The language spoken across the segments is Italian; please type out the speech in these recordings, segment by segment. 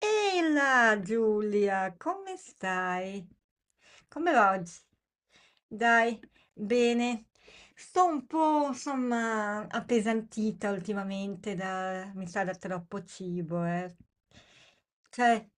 Ehi là Giulia, come stai? Come va oggi? Dai, bene. Sto un po', insomma, appesantita ultimamente da, mi sa, da troppo cibo, eh. Cioè,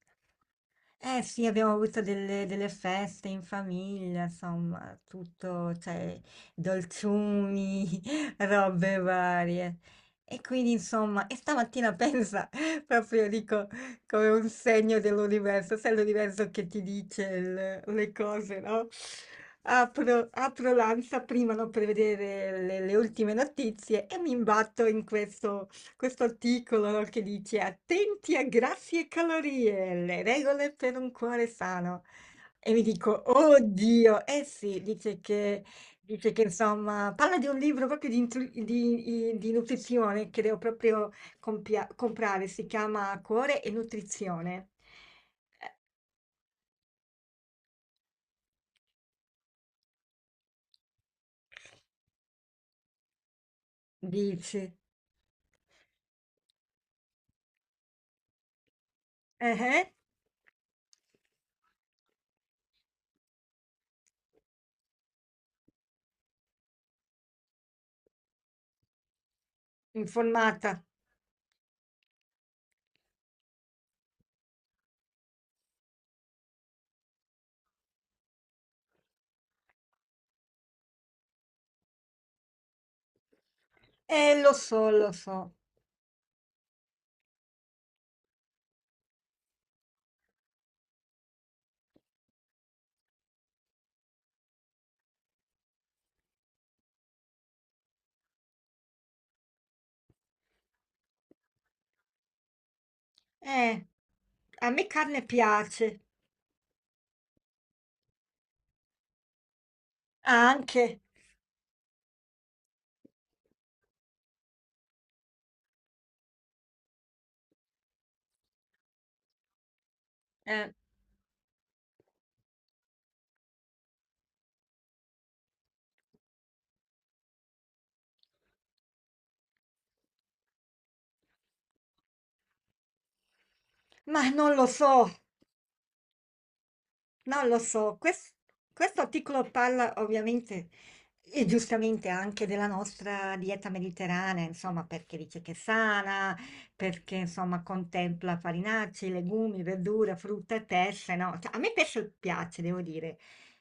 eh sì, abbiamo avuto delle feste in famiglia, insomma, tutto, cioè, dolciumi, robe varie. E quindi, insomma, e stamattina pensa, proprio dico come un segno dell'universo, sai l'universo che ti dice le cose, no? Apro l'ANSA prima no, per vedere le ultime notizie e mi imbatto in questo articolo no, che dice attenti a grassi e calorie, le regole per un cuore sano. E mi dico, oddio, eh sì, dice che insomma, parla di un libro proprio di, di nutrizione, creo proprio Compia comprare, si chiama Cuore e nutrizione. Eh, dici. Eh-eh, informata. Lo so. Eh, a me carne piace, anche, eh, ma non lo so. Non lo so, questo articolo parla ovviamente e giustamente anche della nostra dieta mediterranea, insomma, perché dice che è sana, perché insomma contempla farinacei, legumi, verdura, frutta e pesce, no? Cioè, a me pesce piace, devo dire,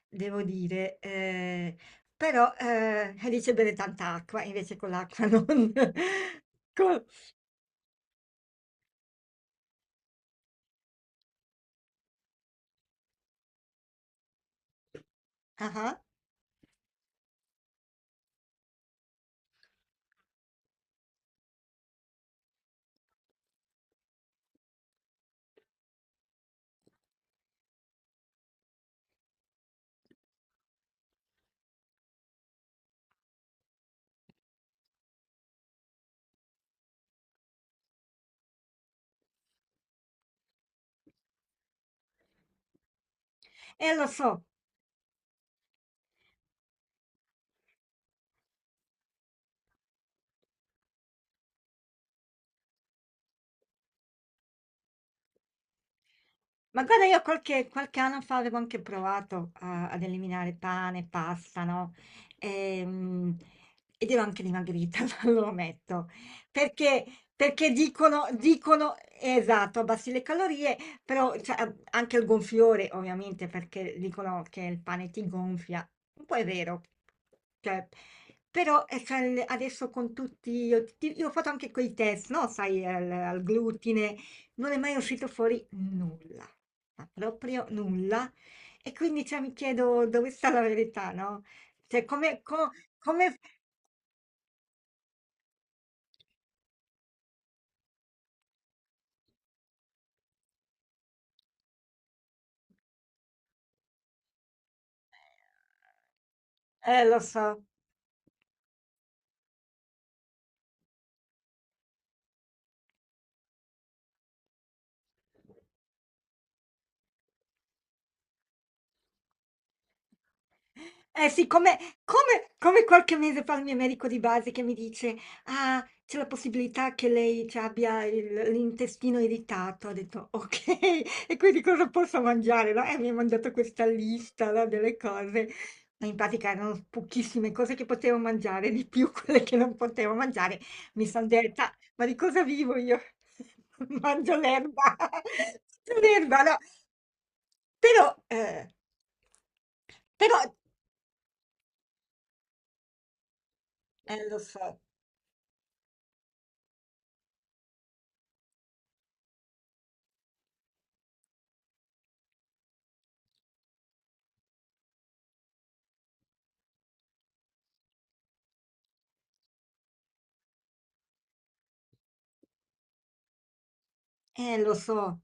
devo dire, però dice bere tanta acqua, invece con l'acqua non... con- Ah, ah. Lo so. Ma guarda, io qualche anno fa avevo anche provato a ad eliminare pane, pasta, no, ehm, ed ero anche dimagrita, lo ammetto, perché dicono esatto, abbassi le calorie, però cioè, a anche il gonfiore ovviamente, perché dicono che il pane ti gonfia. Un po' è vero, cioè, però, cioè, il adesso con tutti io ho fatto anche quei test, no, sai, al glutine non è mai uscito fuori nulla, ma proprio nulla. E quindi cioè, mi chiedo dove sta la verità, no? Cioè, come, come- lo so, eh sì, come qualche mese fa il mio medico di base che mi dice: "Ah, c'è la possibilità che lei ci abbia il l'intestino irritato." Ho detto: "Okay, e quindi cosa posso mangiare?" No, e mi ha mandato questa lista, no, delle cose, ma in pratica erano pochissime cose che potevo mangiare, di più quelle che non potevo mangiare. Mi son detta: "Ma di cosa vivo io? Mangio l'erba, mangio l'erba", no. Però, però eh lo so, lo so.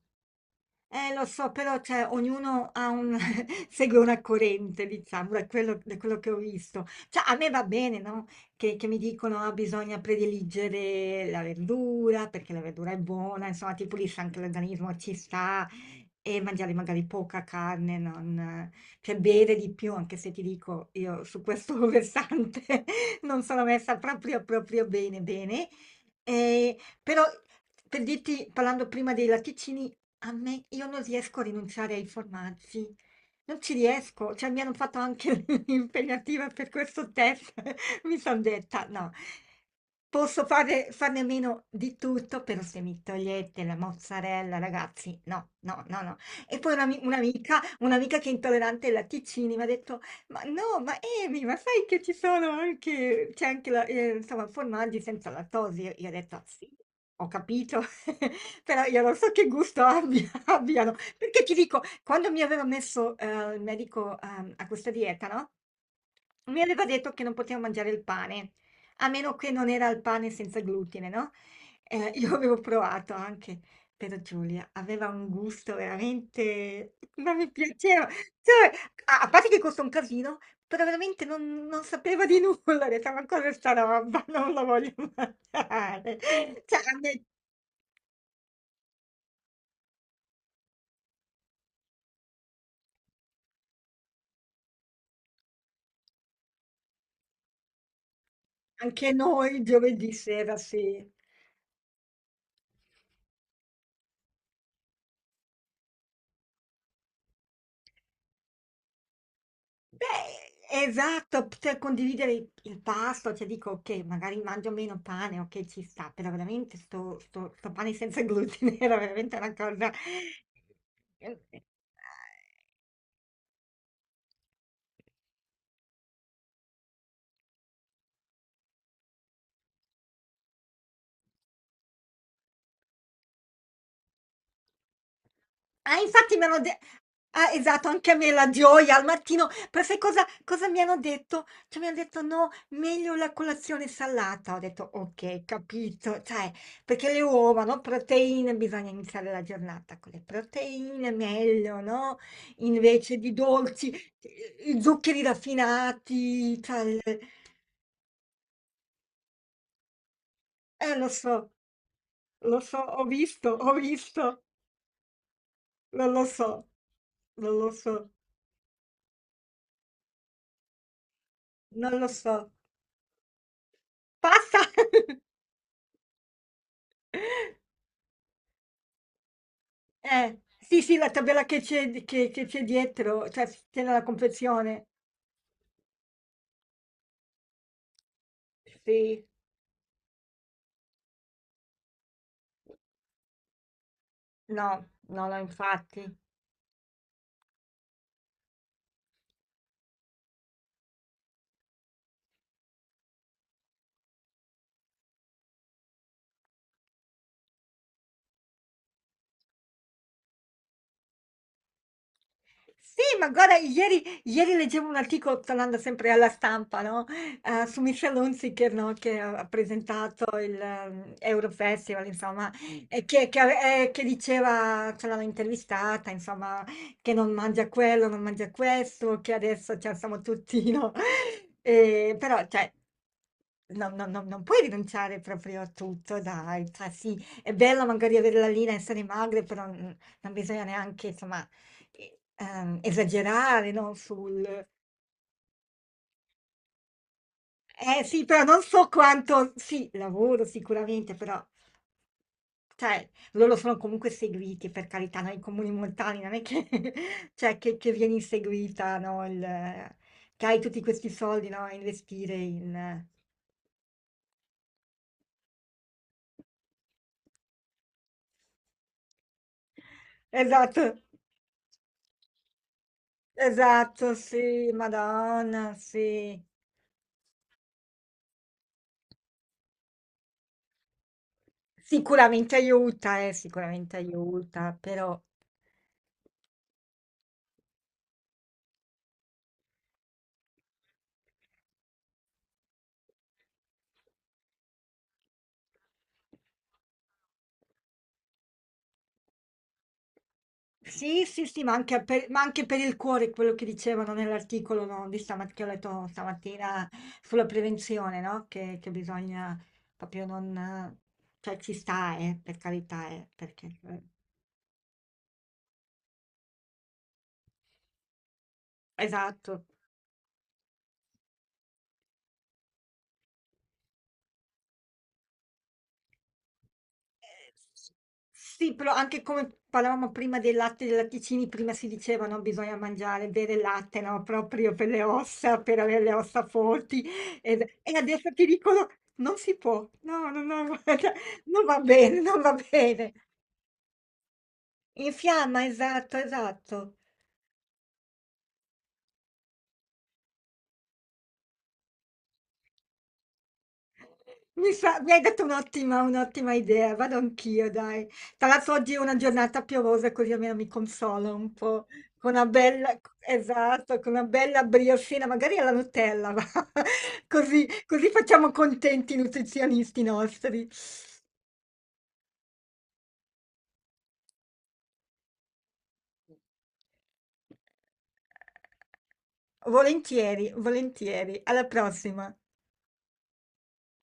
Lo so, però cioè, ognuno ha un- segue una corrente, diciamo, da quello che ho visto. Cioè, a me va bene, no? Che mi dicono ah, bisogna prediligere la verdura perché la verdura è buona, insomma, ti pulisce anche l'organismo, "Ah, ci sta, e mangiare magari poca carne, non, cioè bere di più, anche se ti dico io su questo versante non sono messa proprio bene, bene. Eh, però, per dirti, parlando prima dei latticini, a me io non riesco a rinunciare ai formaggi, non ci riesco, cioè mi hanno fatto anche l'impegnativa per questo test, mi sono detta no, farne a meno di tutto, però se mi togliete la mozzarella, ragazzi, no, no, no, no. E poi un'amica, che è intollerante ai latticini mi ha detto, ma no, ma Emi, ma sai che ci sono anche, c'è anche la, insomma, formaggi senza lattosio? Io ho detto, sì, ho capito. Però io non so che gusto abbia abbiano, perché ti dico, quando mi aveva messo, il medico, a questa dieta, no, mi aveva detto che non potevo mangiare il pane, a meno che non era il pane senza glutine, no? Io avevo provato anche, però Giulia aveva un gusto veramente... non mi piaceva. Cioè, a parte che costa un casino, però veramente non sapeva di nulla. Ho detto, ma cosa è sta roba? Non la voglio mangiare. Cioè, a me anche noi giovedì sera, sì. Beh, esatto, poter condividere il pasto, cioè dico, ok, magari mangio meno pane, ok, ci sta, però veramente sto pane senza glutine era veramente una cosa... ehm, ah, infatti mi hanno de ah, esatto, anche a me la gioia al mattino, però sai cosa mi hanno detto? Cioè mi han detto: "No, meglio la colazione salata." Ho detto: "Okay, capito." Cioè, perché le uova, no, proteine, bisogna iniziare la giornata con le proteine, meglio, no, invece di dolci, i zuccheri raffinati, cioè il lo so, ho visto, non lo so, non lo so, non lo so. Passa! Sì, sì, la tabella che c'è che c'è dietro, cioè c'è nella confezione. Sì, no, no, no, infatti. Sì, ma guarda, ieri leggevo un articolo, tornando sempre alla stampa, no? Su Michel Hunziker, no? Che ha presentato il Eurofestival, insomma, e che, che diceva, ce l'hanno intervistata, insomma, che non mangia quello, non mangia questo, che adesso ci siamo tutti, no? Però, cioè, non puoi rinunciare proprio a tutto, dai. Cioè, sì, è bello magari avere la linea, essere magre, però... mm, non bisogna neanche, insomma, esagerare, no, sul eh sì, però non so quanto sì, lavoro sicuramente, però cioè loro sono comunque seguiti, per carità, noi comuni montani non è che cioè che vieni inseguita, no, il, che hai tutti questi soldi, no, a investire in... Esatto, esatto, sì, Madonna, sì. Sicuramente aiuta, però... Sì, sì, sì, ma anche per il cuore, quello che dicevano nell'articolo, no, di stamat che ho letto stamattina sulla prevenzione, no, che bisogna proprio non cioè ci sta, per carità, perché esatto. S sì, però anche come parlavamo prima del latte e dei latticini, prima si diceva, no, bisogna mangiare, bere il latte, no, proprio per le ossa, per avere le ossa forti ed e adesso ti dicono: "Non si può, no, no, no, guarda, non va bene, non va bene". Infiamma, esatto, esatto. Mi hai dato un'ottima idea, vado anch'io, dai. Tra l'altro oggi è una giornata piovosa, così almeno mi consolo un po'. Con una bella, esatto, con una bella briochina, magari alla Nutella, va. Così, così facciamo contenti i nutrizionisti nostri. Volentieri, volentieri. Alla prossima.